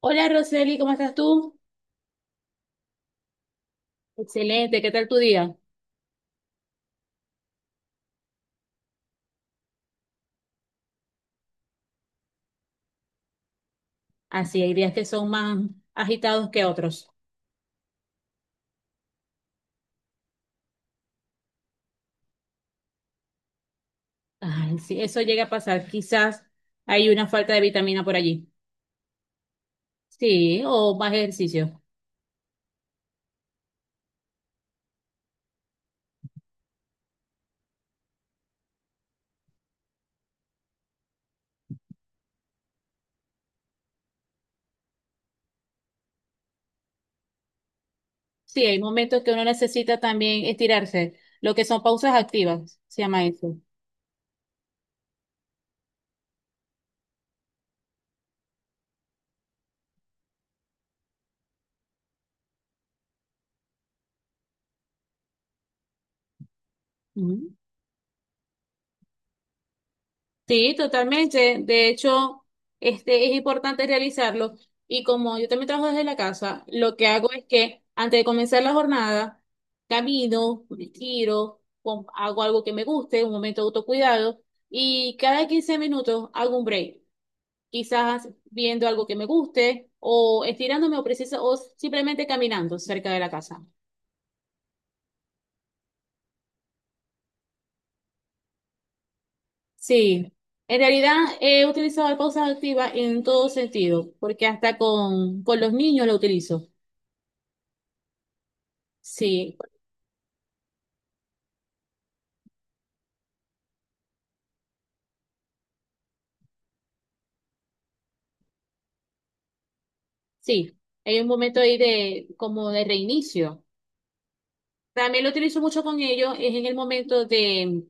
Hola Roseli, ¿cómo estás tú? Excelente, ¿qué tal tu día? Así, hay días que son más agitados que otros. Ay, sí, eso llega a pasar. Quizás hay una falta de vitamina por allí. Sí, o más ejercicio. Sí, hay momentos que uno necesita también estirarse, lo que son pausas activas, se llama eso. Ujú. Sí, totalmente. De hecho, este es importante realizarlo. Y como yo también trabajo desde la casa, lo que hago es que antes de comenzar la jornada, camino, respiro, hago algo que me guste, un momento de autocuidado, y cada 15 minutos hago un break, quizás viendo algo que me guste, o estirándome o precisa, o simplemente caminando cerca de la casa. Sí, en realidad he utilizado la pausa activa en todo sentido, porque hasta con los niños lo utilizo. Sí, sí, hay un momento ahí de como de reinicio. También lo utilizo mucho con ellos, es en el momento de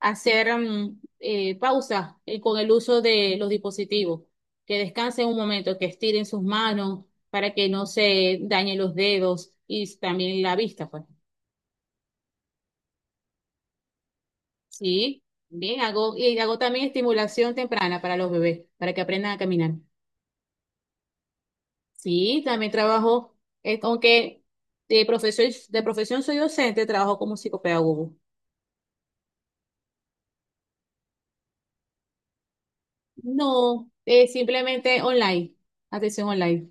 hacer pausa con el uso de los dispositivos, que descansen un momento, que estiren sus manos para que no se dañen los dedos y también la vista, pues. Sí, bien, hago, y hago también estimulación temprana para los bebés, para que aprendan a caminar. Sí, también trabajo, aunque de profesión soy docente, trabajo como psicopedagogo. No, simplemente online, atención online.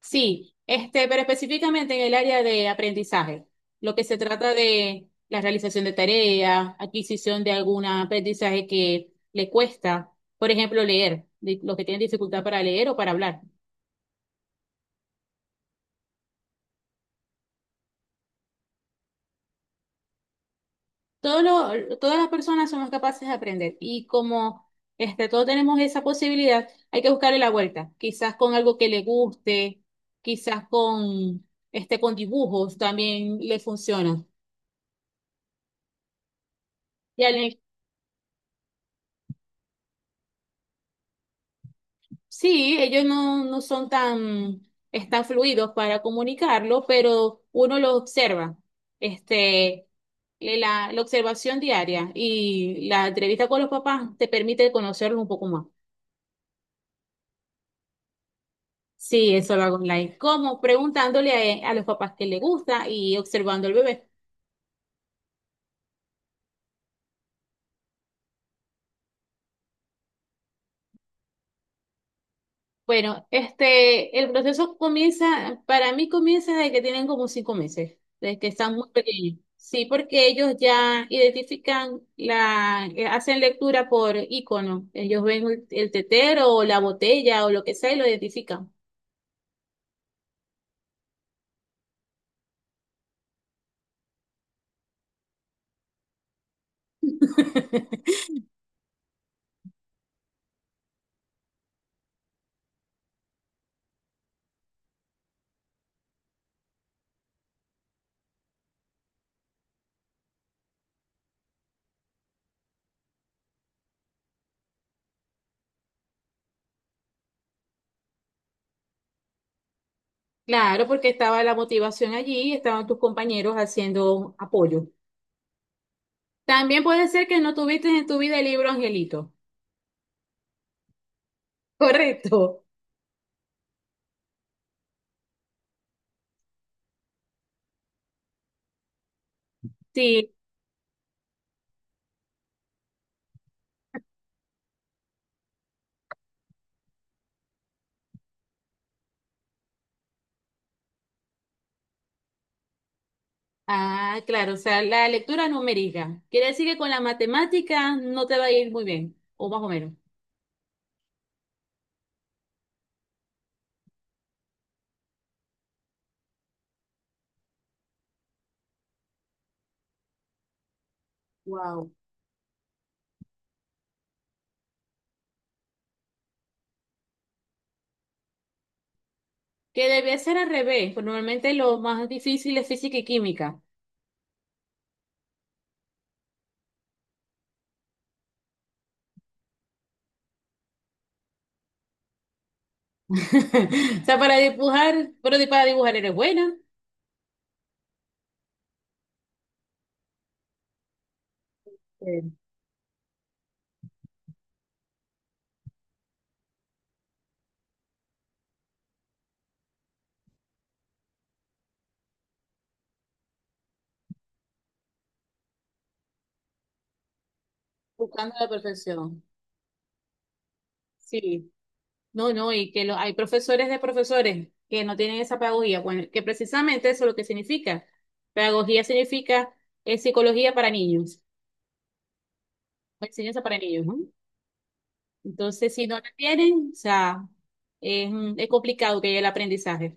Sí, este, pero específicamente en el área de aprendizaje, lo que se trata de la realización de tareas, adquisición de algún aprendizaje que le cuesta, por ejemplo, leer, los que tienen dificultad para leer o para hablar. Todas las personas somos capaces de aprender y como este, todos tenemos esa posibilidad, hay que buscarle la vuelta, quizás con algo que le guste, quizás con, este, con dibujos también le funciona. Y al- sí, ellos no, no son tan, están fluidos para comunicarlo, pero uno lo observa, este, la observación diaria y la entrevista con los papás te permite conocerlos un poco más. Sí, eso lo hago online. ¿Cómo? Preguntándole a los papás qué le gusta y observando al bebé. Bueno, este, el proceso comienza, para mí comienza desde que tienen como 5 meses, desde que están muy pequeños. Sí, porque ellos ya identifican hacen lectura por icono. Ellos ven el tetero o la botella o lo que sea y lo identifican. Claro, porque estaba la motivación allí, estaban tus compañeros haciendo apoyo. También puede ser que no tuviste en tu vida el libro Angelito. Correcto. Sí, ah, claro, o sea, la lectura numérica. Quiere decir que con la matemática no te va a ir muy bien, o más o menos. Wow. Que debe ser al revés, pues normalmente lo más difícil es física y química. O sea, para dibujar, pero para dibujar eres buena, eh, buscando la perfección. Sí, no, no, y hay profesores de profesores que no tienen esa pedagogía, bueno, que precisamente eso es lo que significa. Pedagogía significa psicología para niños. Enseñanza para niños, ¿no? Entonces, si no la tienen, o sea, es complicado que haya el aprendizaje.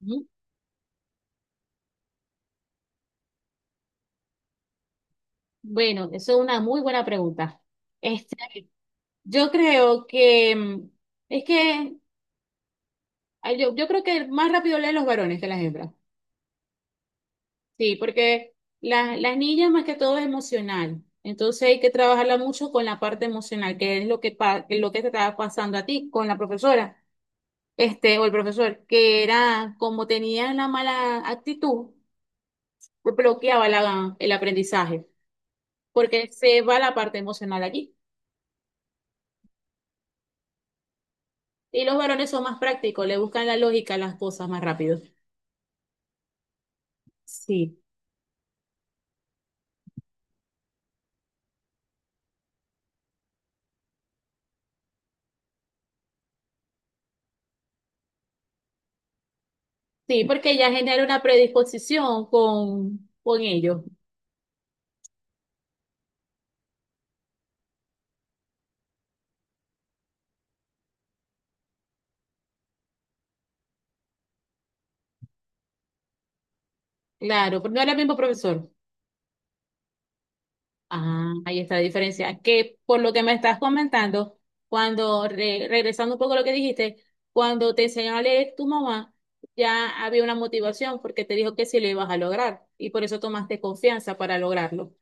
Ujú. Bueno, eso es una muy buena pregunta. Este, yo creo que es que yo creo que más rápido leen los varones que las hembras. Sí, porque las niñas más que todo es emocional. Entonces hay que trabajarla mucho con la parte emocional, que es lo que, que es lo que te estaba pasando a ti con la profesora, este, o el profesor, que era como tenía la mala actitud bloqueaba el aprendizaje, porque se va la parte emocional allí. Y los varones son más prácticos, le buscan la lógica a las cosas más rápido. Sí, sí, porque ya genera una predisposición con ellos. Claro, porque no era el mismo profesor. Ah, ahí está la diferencia. Que por lo que me estás comentando, cuando, regresando un poco a lo que dijiste, cuando te enseñó a leer tu mamá, ya había una motivación porque te dijo que sí lo ibas a lograr y por eso tomaste confianza para lograrlo.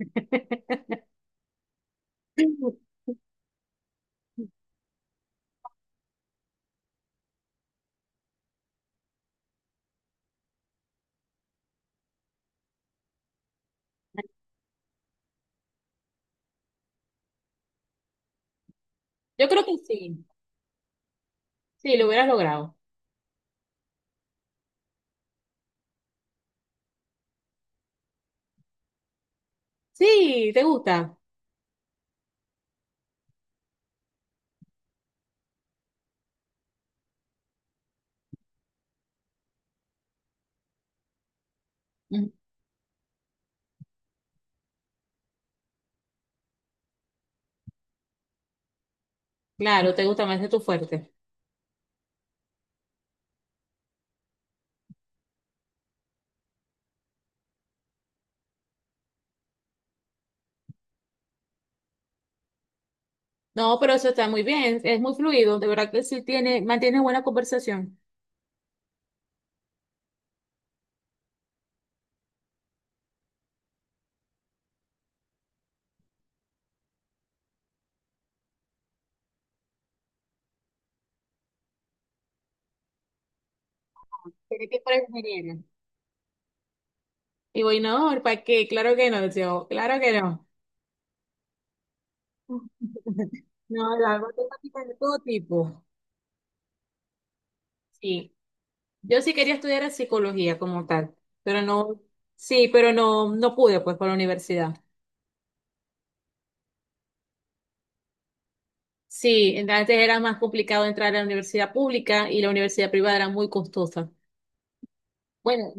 Yo creo que sí, sí, lo hubieras logrado. Sí, te gusta. Mm, claro, te gusta más de tu fuerte. No, pero eso está muy bien, es muy fluido, de verdad que sí tiene, mantiene buena conversación. Tiene que ser ingeniero. Y voy, no, ¿para qué? Claro que no, yo, claro que no. No, la hago temática de todo tipo. Sí, yo sí quería estudiar psicología como tal, pero no, sí, pero no, no pude pues por la universidad. Sí, antes era más complicado entrar a la universidad pública y la universidad privada era muy costosa. Bueno,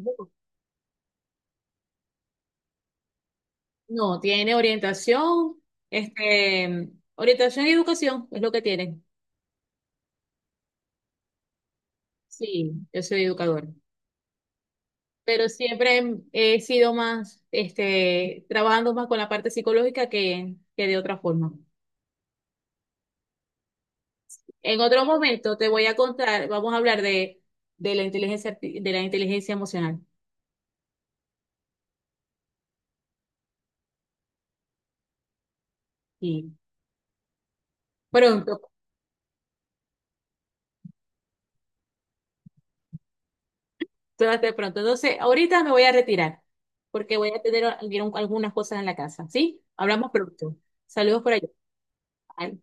no, tiene orientación, este, orientación y educación es lo que tiene. Sí, yo soy educador, pero siempre he sido más, este, trabajando más con la parte psicológica que de otra forma. En otro momento te voy a contar, vamos a hablar de la inteligencia, de la inteligencia emocional. Y pronto, suerte pronto. Entonces, ahorita me voy a retirar porque voy a tener algunas cosas en la casa, ¿sí? Hablamos pronto. Saludos por allá. Bye.